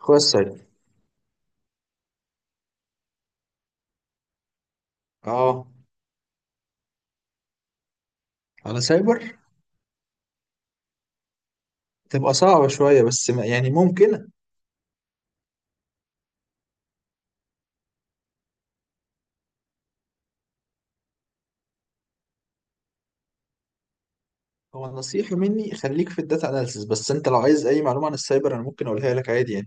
اخويا السايبر. اه، على سايبر. تبقى صعبة شوية بس ما يعني ممكن. هو نصيحة مني خليك في الداتا اناليسيس بس انت لو عايز اي معلومة عن السايبر انا ممكن اقولها لك عادي يعني.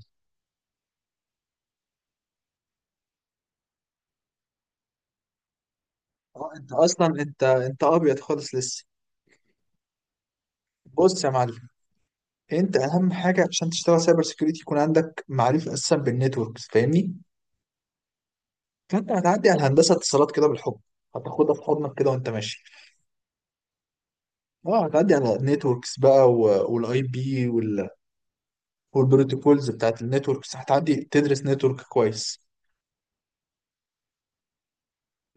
اه انت اصلا انت ابيض خالص لسه. بص يا معلم، انت اهم حاجة عشان تشتغل سايبر سيكيورتي يكون عندك معرفة اساسا بالنتوركس فاهمني. فانت هتعدي على هندسة اتصالات كده بالحب، هتاخدها في حضنك كده وانت ماشي. اه هتعدي على النتوركس بقى والاي بي والبروتوكولز بتاعت النتوركس، هتعدي تدرس نتورك كويس.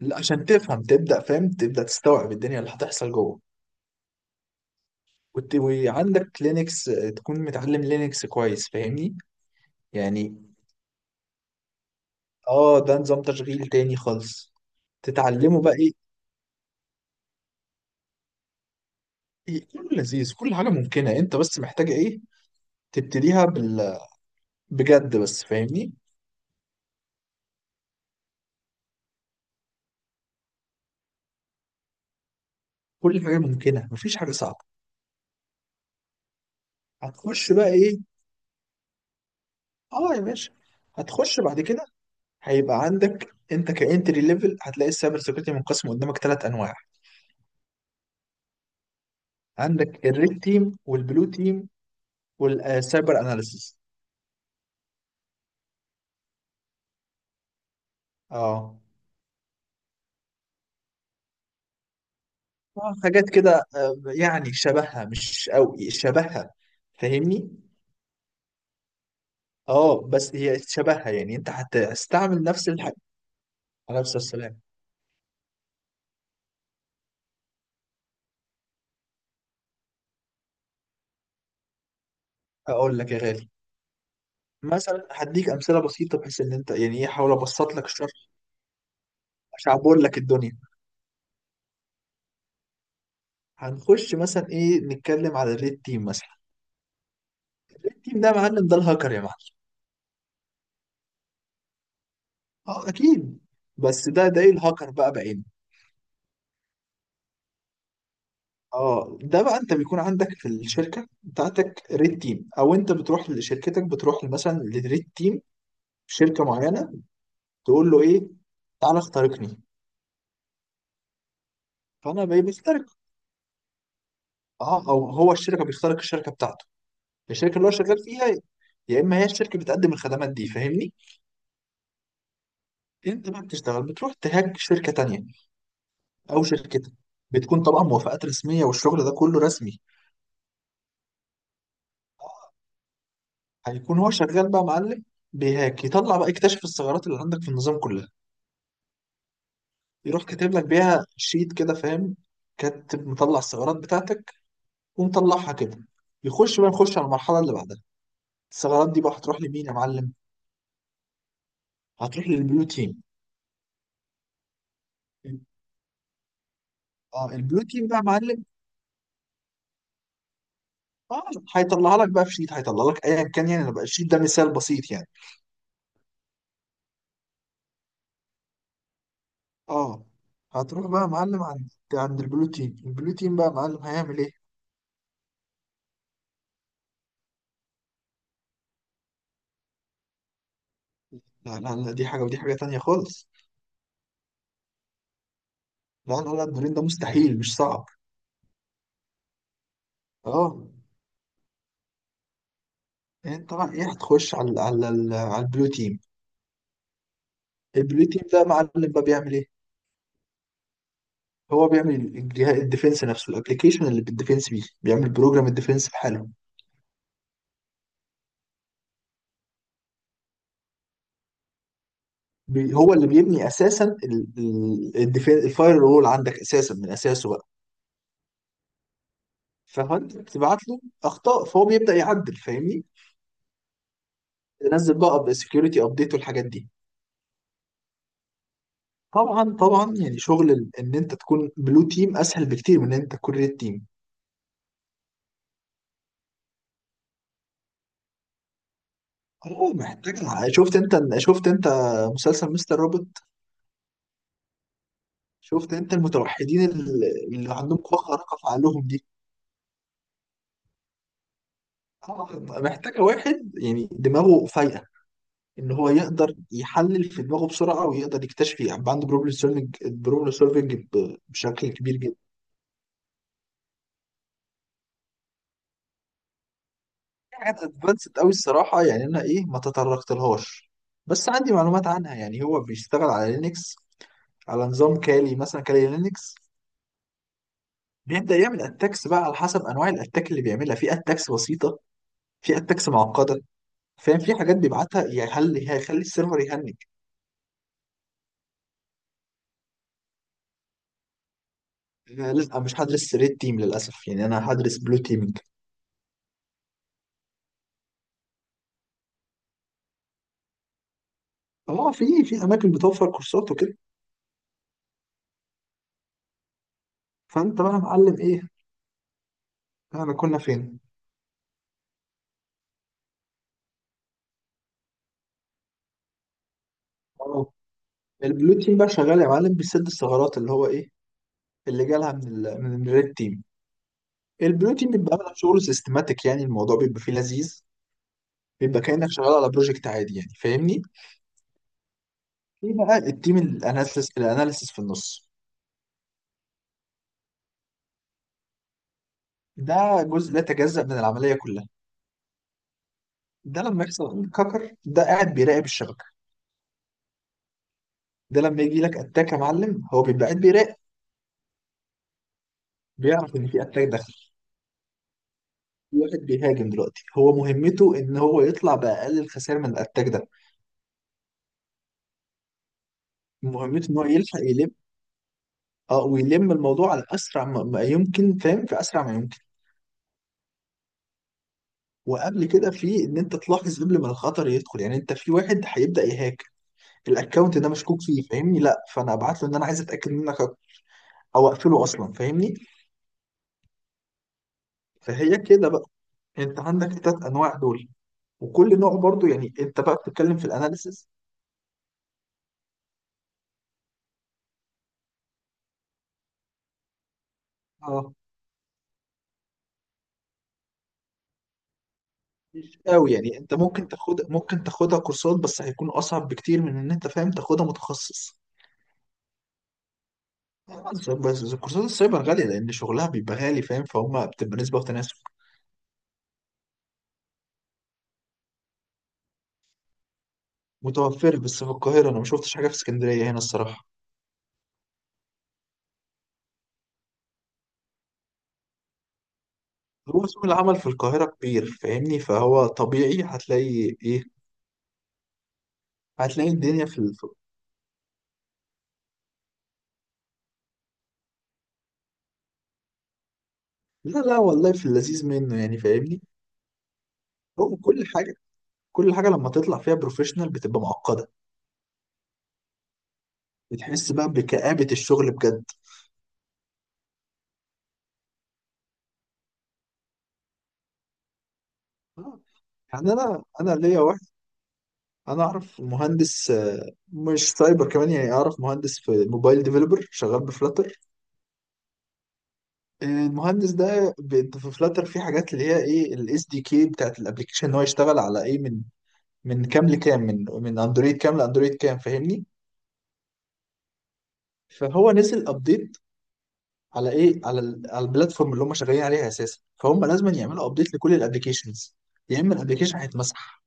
لا عشان تفهم، تبدأ فاهم، تبدأ تستوعب الدنيا اللي هتحصل جوه. وعندك لينكس، تكون متعلم لينكس كويس فاهمني. يعني اه ده نظام تشغيل تاني خالص. تتعلمه بقى ايه. إيه، كله لذيذ، كل حاجة ممكنة، انت بس محتاج ايه. تبتديها بال بجد بس فاهمني. كل حاجة ممكنة، مفيش حاجة صعبة. هتخش بقى ايه، اه يا باشا. هتخش بعد كده هيبقى عندك انت كانتري ليفل، هتلاقي السايبر سيكيورتي منقسم قدامك ثلاث انواع. عندك الريد تيم والبلو تيم والسايبر اناليسيس. اه. اه حاجات كده، يعني شبهها مش قوي شبهها فاهمني. اه بس هي شبهها، يعني انت هتستعمل نفس الحاجه. على نفس السلام. اقول لك يا غالي، مثلا هديك امثله بسيطه بحيث ان انت يعني ايه، احاول ابسط لك الشرح عشان اعبر لك الدنيا. هنخش مثلا ايه، نتكلم على الريد تيم مثلا. التيم ده يا معلم ده الهاكر يا معلم. اه اكيد. بس ده ايه الهاكر بقى بعينه. اه ده بقى انت بيكون عندك في الشركه بتاعتك ريد تيم، او انت بتروح لشركتك، بتروح مثلا للريد تيم في شركه معينه. تقول له ايه، تعالى اخترقني. فانا بيخترق. اه او هو الشركه بيخترق الشركه بتاعته، الشركه اللي هو شغال فيها. يا اما هي الشركه بتقدم الخدمات دي فاهمني. انت بقى بتشتغل بتروح تهاج شركه تانية او شركتك. بتكون طبعا موافقات رسميه والشغل ده كله رسمي. هيكون هو شغال بقى معلم، بيهاك يطلع بقى يكتشف الثغرات اللي عندك في النظام كله. يروح كاتب لك بيها شيت كده فاهم، كاتب مطلع الثغرات بتاعتك ومطلعها كده. يخش بقى، نخش على المرحله اللي بعدها. الثغرات دي بقى هتروح لمين يا معلم. هتروح للبلو تيم. اه البلو تيم بقى يا معلم. اه هيطلعها لك بقى في شيت، هيطلع لك ايا كان يعني، أنا بقى الشيت ده مثال بسيط يعني. اه هتروح بقى يا معلم عند البلو تيم. البلو تيم بقى يا معلم هيعمل ايه. لا لا لا، دي حاجه ودي حاجه تانية خالص. لا لا لا، الدورين ده مستحيل، مش صعب. اه انت بقى ايه، هتخش على على البلو تيم. البلو تيم ده معلم بقى بيعمل ايه؟ هو بيعمل الجهاز الديفنس نفسه، الابلكيشن اللي بالديفنس بيه، بيعمل بروجرام الديفنس بحالهم. هو اللي بيبني اساسا الديفنس، الفاير رول عندك اساسا من اساسه بقى. فانت بتبعت له اخطاء فهو بيبدا يعدل فاهمني؟ تنزل بقى سكيورتي ابديت والحاجات دي. طبعا طبعا يعني شغل ان انت تكون بلو تيم اسهل بكتير من ان انت تكون ريد تيم. هو محتاج، شفت انت مسلسل مستر روبوت. شفت انت المتوحدين اللي اللي عندهم قوة خارقة في عقلهم دي. طبعاً محتاجة واحد يعني دماغه فايقة، ان هو يقدر يحلل في دماغه بسرعة ويقدر يكتشف، يعني عنده بروبلم سولفنج، بروبلم سولفنج بشكل كبير جدا. في حاجات ادفانسد قوي الصراحة، يعني انا ايه ما تطرقتلهاش، بس عندي معلومات عنها. يعني هو بيشتغل على لينكس، على نظام كالي مثلا، كالي لينكس. بيبدأ يعمل اتاكس بقى على حسب انواع الاتاك اللي بيعملها، في اتاكس بسيطة، في اتاكس معقدة فاهم. في حاجات بيبعتها يعني هل هيخلي السيرفر يهنج. لا مش هدرس ريد تيم للاسف، يعني انا هدرس بلو تيمنج. اه في في اماكن بتوفر كورسات وكده. فانت بقى يا معلم ايه، احنا كنا فين. اه البلو تيم بقى شغال يا معلم بيسد الثغرات اللي هو ايه، اللي جالها من ال الريد تيم. البلو تيم بيبقى عامل شغل سيستماتيك، يعني الموضوع بيبقى فيه لذيذ، بيبقى كانك شغال على بروجكت عادي يعني فاهمني. في بقى التيم الاناليسيس، الاناليسيس في النص. ده جزء لا يتجزأ من العمليه كلها. ده لما يحصل عندك هاكر، ده قاعد بيراقب الشبكه. ده لما يجي لك اتاك يا معلم، هو بيبقى قاعد بيراقب، بيعرف ان في اتاك داخل، في واحد بيهاجم دلوقتي. هو مهمته ان هو يطلع باقل الخسائر من الاتاك ده. مهمته ان هو يلحق يلم، اه ويلم الموضوع على اسرع ما يمكن فاهم، في اسرع ما يمكن. وقبل كده في ان انت تلاحظ قبل ما الخطر يدخل، يعني انت في واحد هيبدا يهاك، الاكونت ده مشكوك فيه فاهمني، لا فانا ابعت له ان انا عايز اتاكد منك هاكر، او اقفله اصلا فاهمني. فهي كده بقى، انت عندك التلات انواع دول، وكل نوع برضو يعني انت بقى بتتكلم في الاناليسز. اه مش قوي، يعني انت ممكن تاخد، ممكن تاخدها كورسات بس هيكون اصعب بكتير من ان انت فاهم تاخدها متخصص. بس كورسات السايبر غالية لأن شغلها بيبقى غالي فاهم، فهم بتبقى نسبة وتناسب. متوفرة بس في القاهرة، أنا ما شفتش حاجة في اسكندرية هنا الصراحة. هو سوق العمل في القاهرة كبير فاهمني، فهو طبيعي هتلاقي. إيه هتلاقي الدنيا في الف. لا لا والله في اللذيذ منه يعني فاهمني. هو كل حاجة، كل حاجة لما تطلع فيها بروفيشنال بتبقى معقدة، بتحس بقى بكآبة الشغل بجد. آه. يعني انا ليا واحد، انا اعرف مهندس، مش سايبر كمان، يعني اعرف مهندس في موبايل ديفلوبر شغال بفلاتر. المهندس ده في فلاتر في حاجات اللي هي ايه، الاس دي كي بتاعت الابلكيشن ان هو يشتغل على ايه، من من كام لكام، من اندرويد كام لاندرويد كام فاهمني. فهو نزل ابديت على ايه، على على البلاتفورم اللي هم شغالين عليها اساسا، فهم لازم يعملوا ابديت لكل الابلكيشنز، يا اما الابلكيشن هيتمسح.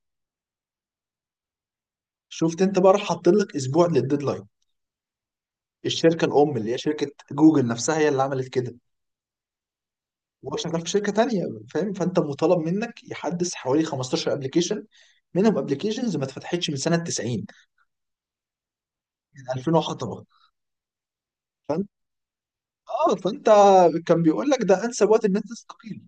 شفت انت بقى، راح حاطين لك اسبوع للديدلاين. الشركه الام اللي هي شركه جوجل نفسها هي اللي عملت كده، وهو شغال في شركه تانيه فاهم. فانت مطالب منك يحدث حوالي 15 ابلكيشن، منهم ابلكيشنز ما اتفتحتش من سنه 90، من 2000 وحطبه. فانت اه فانت كان بيقول لك ده انسب وقت ان انت تستقيل،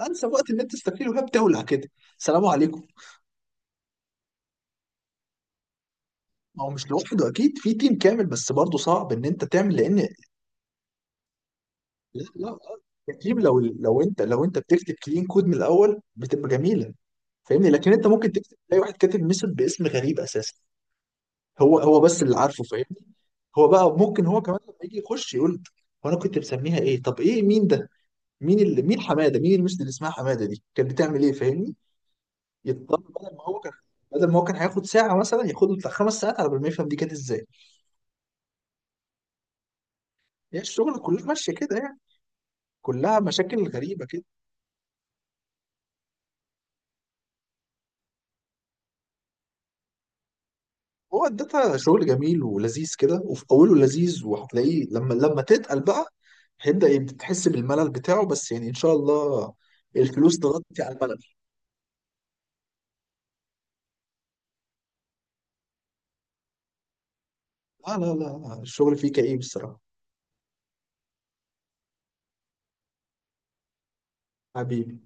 انسب وقت ان انت تستقيل وهي بتولع كده. سلام عليكم. ما هو مش لوحده اكيد في تيم كامل، بس برضه صعب ان انت تعمل لان. لا لا التيم لو انت بتكتب كلين كود من الاول بتبقى جميله فاهمني. لكن انت ممكن تكتب تلاقي واحد كاتب ميثود باسم غريب اساسا، هو بس اللي عارفه فاهمني. هو بقى ممكن هو كمان لما يجي يخش يقول، هو انا كنت بسميها ايه، طب ايه، مين ده، مين اللي مين حماده، مين الميثود اللي اسمها حماده دي كانت بتعمل ايه فاهمني. يضطر بدل ما هو كان، بدل ما هو كان هياخد ساعه مثلا، ياخد له بتاع خمس ساعات على بال ما يفهم دي كانت ازاي. هي الشغل كلها ماشيه كده يعني، كلها مشاكل غريبه كده. هو الداتا شغل جميل ولذيذ كده، وفي اوله لذيذ وهتلاقيه لما تتقل بقى، هيبدا تحس بالملل بتاعه، بس يعني ان شاء الله الفلوس تغطي على الملل. لا لا لا الشغل فيه كئيب الصراحه. حبيبي.